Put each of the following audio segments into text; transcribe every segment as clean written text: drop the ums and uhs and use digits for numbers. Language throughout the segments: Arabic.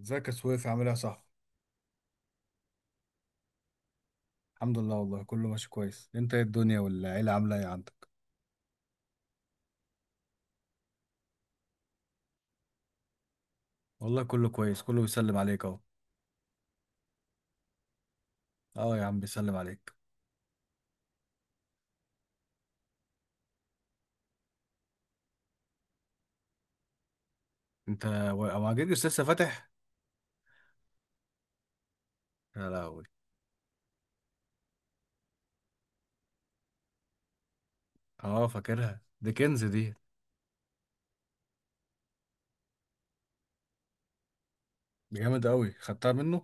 ازيك يا سويف؟ عامل ايه يا صاحبي؟ الحمد لله والله، كله ماشي كويس. انت ايه الدنيا والعيلة عاملة ايه عندك؟ والله كله كويس، كله بيسلم عليك اهو. اه يا عم بيسلم عليك. انت ما جيجس لسه فاتح؟ يا لهوي. اه فاكرها، دي كنز دي. دي جامد قوي، خدتها منه؟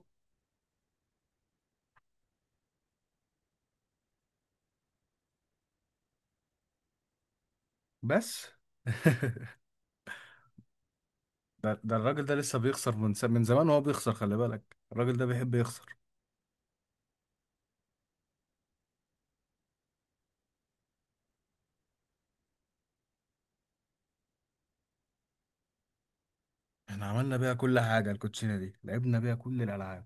بس. ده الراجل ده لسه بيخسر من زمان وهو بيخسر. خلي بالك، الراجل ده بيحب يخسر. احنا عملنا بيها كل حاجة، الكوتشينة دي لعبنا بيها كل الألعاب.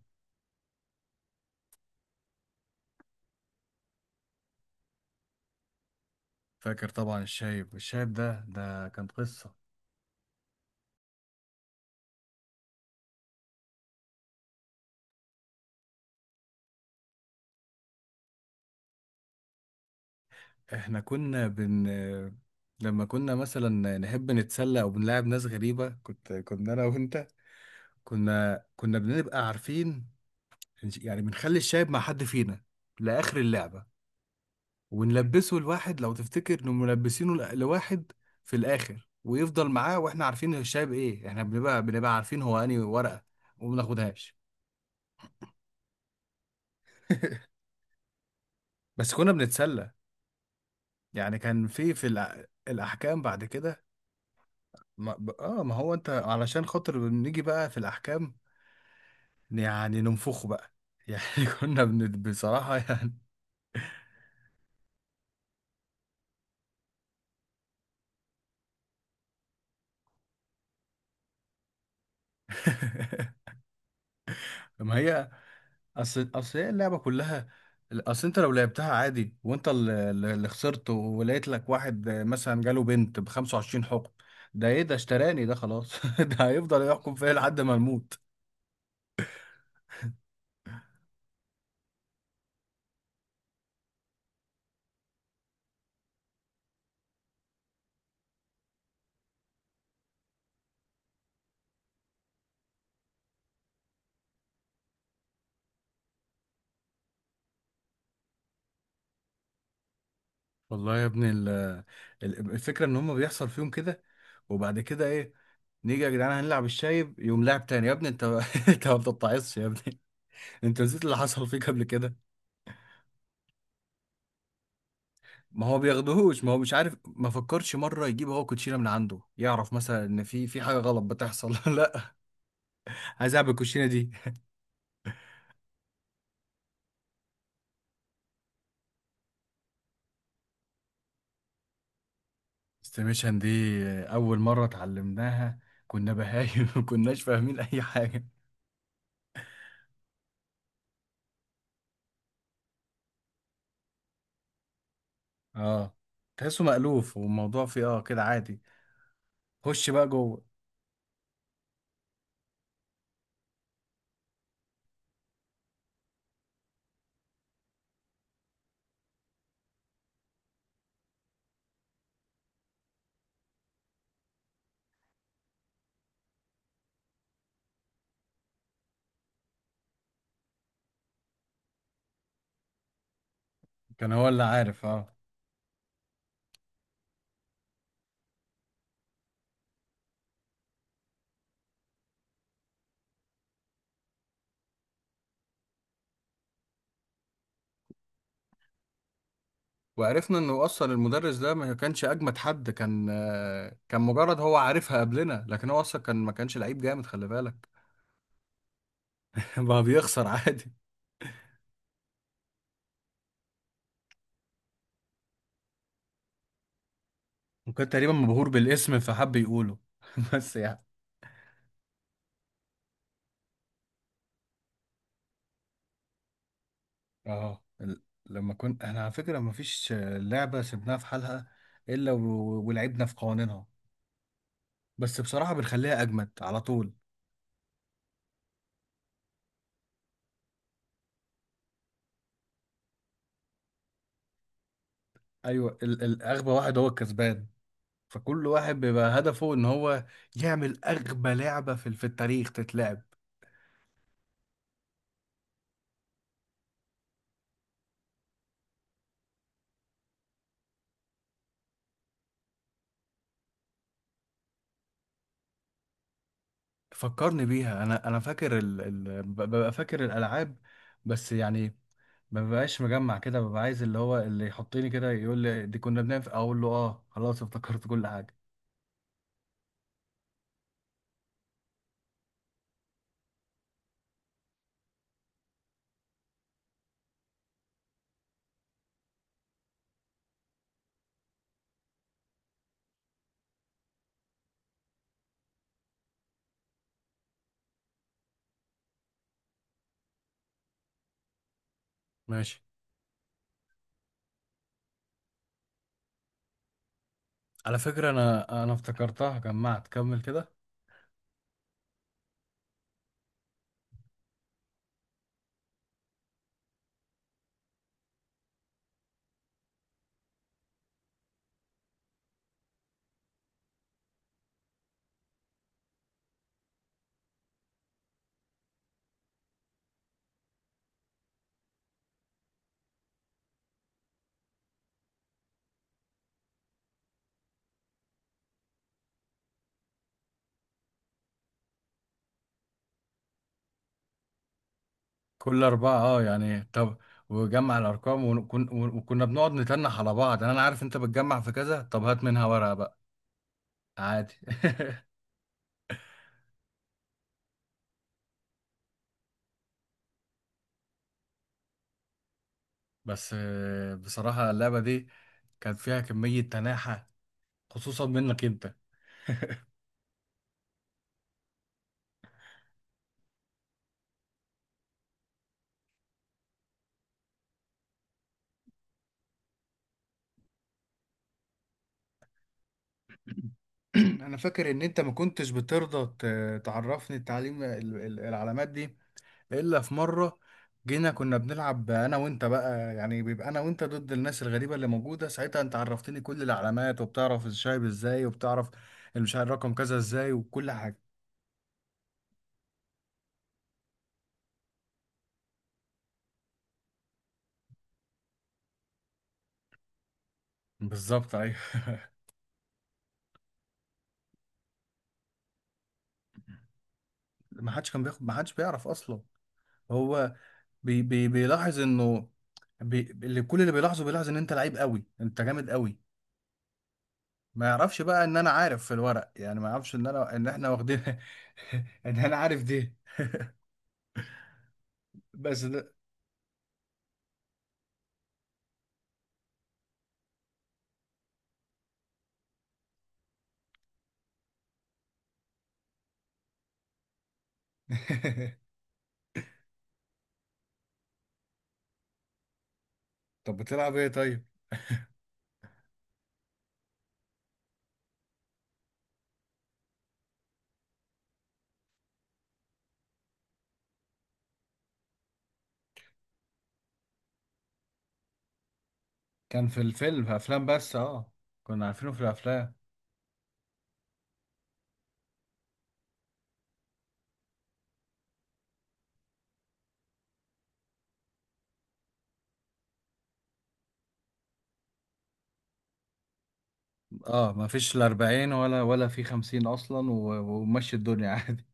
فاكر طبعا الشايب، الشايب ده كان قصة. احنا كنا بن لما كنا مثلا نحب نتسلى او بنلاعب ناس غريبة، كنا انا وانت كنا بنبقى عارفين، يعني بنخلي الشايب مع حد فينا لاخر اللعبة، ونلبسه. الواحد لو تفتكر انه ملبسينه لواحد في الاخر، ويفضل معاه، واحنا عارفين الشايب ايه. احنا بنبقى عارفين هو انهي ورقة، وما بناخدهاش. بس كنا بنتسلى، يعني كان في الاحكام بعد كده. ما ب- اه ما هو انت علشان خاطر بنيجي بقى في الاحكام، يعني ننفخه بقى، يعني بصراحة يعني. ما هي، اصل هي اللعبة كلها. اصل انت لو لعبتها عادي وانت اللي خسرت، ولقيت لك واحد مثلا جاله بنت ب 25 حكم. ده ايه ده؟ اشتراني ده خلاص. ده هيفضل يحكم فيا لحد ما الموت. والله يا ابني ال... الفكرة ان هم بيحصل فيهم كده، وبعد كده ايه؟ نيجي يا جدعان هنلعب الشايب، يقوم لاعب تاني. يا ابني انت، انت ما بتتعصش يا ابني؟ انت نسيت اللي حصل فيك قبل كده؟ ما هو بياخدهوش، ما هو مش عارف، ما فكرش مره يجيب هو كوتشينه من عنده، يعرف مثلا ان في حاجه غلط بتحصل. لا عايز اعمل الكوتشينه دي. استيميشن دي اول مره اتعلمناها كنا بهايم، ما كناش فاهمين اي حاجه. اه، تحسه مألوف والموضوع فيه اه كده عادي. خش بقى جوه. كان هو اللي عارف، اه. وعرفنا انه اصلا المدرس ده ما كانش اجمد حد، كان آه، كان مجرد هو عارفها قبلنا، لكن هو اصلا كان ما كانش لعيب جامد، خلي بالك. بقى بيخسر عادي. وكان تقريبا مبهور بالاسم فحب يقوله. بس يعني. اه لما كنت، احنا على فكرة ما فيش لعبة سيبناها في حالها الا ولعبنا في قوانينها، بس بصراحة بنخليها اجمد على طول. ايوه اغبى واحد هو الكسبان، فكل واحد بيبقى هدفه ان هو يعمل اغبى لعبة في التاريخ تتلعب. فكرني بيها، انا فاكر ال... ال... ببقى فاكر الالعاب، بس يعني ما ببقاش مجمع كده، ببقى عايز اللي هو يحطني كده يقول لي دي كنا بنعمل اقول له اه خلاص افتكرت كل حاجه. ماشي. على فكرة انا افتكرتها، جمعت، كمل كده. كل اربعه اه يعني، طب. وجمع الارقام وكن، وكنا بنقعد نتنح على بعض، يعني انا عارف انت بتجمع في كذا، طب هات منها ورقه بقى. عادي. بس آه، بصراحه اللعبه دي كان فيها كميه تناحه، خصوصا منك انت. انا فاكر ان انت ما كنتش بترضى تعرفني التعليم، العلامات دي. الا في مره جينا كنا بنلعب انا وانت بقى، يعني بيبقى انا وانت ضد الناس الغريبه اللي موجوده ساعتها، انت عرفتني كل العلامات، وبتعرف الشايب ازاي، وبتعرف مش عارف رقم كذا ازاي وكل حاجه. بالظبط ايوه. ما حدش كان بياخد، ما حدش بيعرف اصلا. هو بي بيلاحظ انه، بي، اللي كل اللي بيلاحظه، بيلاحظ ان انت لعيب قوي، انت جامد قوي. ما يعرفش بقى ان انا عارف في الورق، يعني ما يعرفش ان انا، ان احنا واخدين. ان انا عارف دي. بس ده. طب بتلعب ايه طيب؟ كان في الفيلم، في افلام، بس اه، كنا عارفينه في الافلام. اه ما فيش لا 40 ولا في 50 اصلا، ومشي الدنيا. عادي.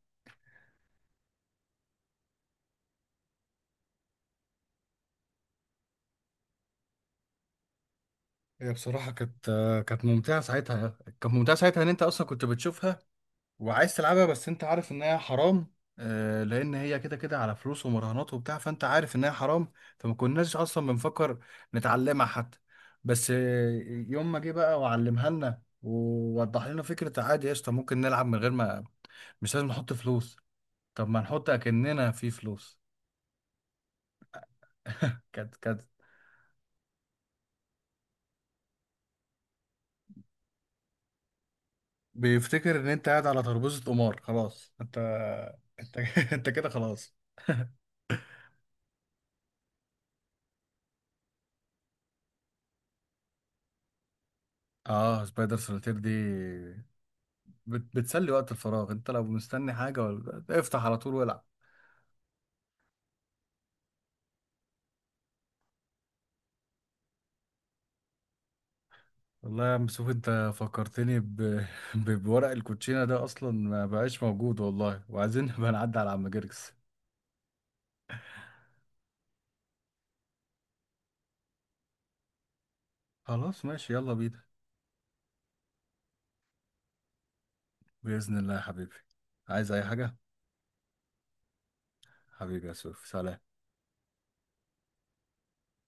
هي بصراحة كانت آه، كانت ممتعة ساعتها، كانت ممتعة ساعتها ان انت اصلا كنت بتشوفها وعايز تلعبها، بس انت عارف ان هي حرام. آه، لان هي كده كده على فلوس ومراهنات وبتاع، فانت عارف ان هي حرام. فما كناش اصلا بنفكر نتعلمها حتى. بس آه، يوم ما جه بقى وعلمها لنا، ووضح لنا فكرة عادي قشطة ممكن نلعب من غير ما، مش لازم نحط فلوس، طب ما نحط اكننا في فلوس. كانت، كانت بيفتكر ان انت قاعد على ترابيزه قمار خلاص انت. انت انت كده خلاص. اه سبايدر سوليتير دي، بتسلي وقت الفراغ، انت لو مستني حاجه، ولا افتح على طول والعب. والله يا عم سوف انت فكرتني ب... ب... بورق الكوتشينه ده، اصلا ما بقاش موجود والله. وعايزين نبقى نعدي على عم جرجس. خلاص ماشي، يلا بينا. باذن الله يا حبيبي. عايز اي حاجه؟ حبيبي يا سوف، سلام.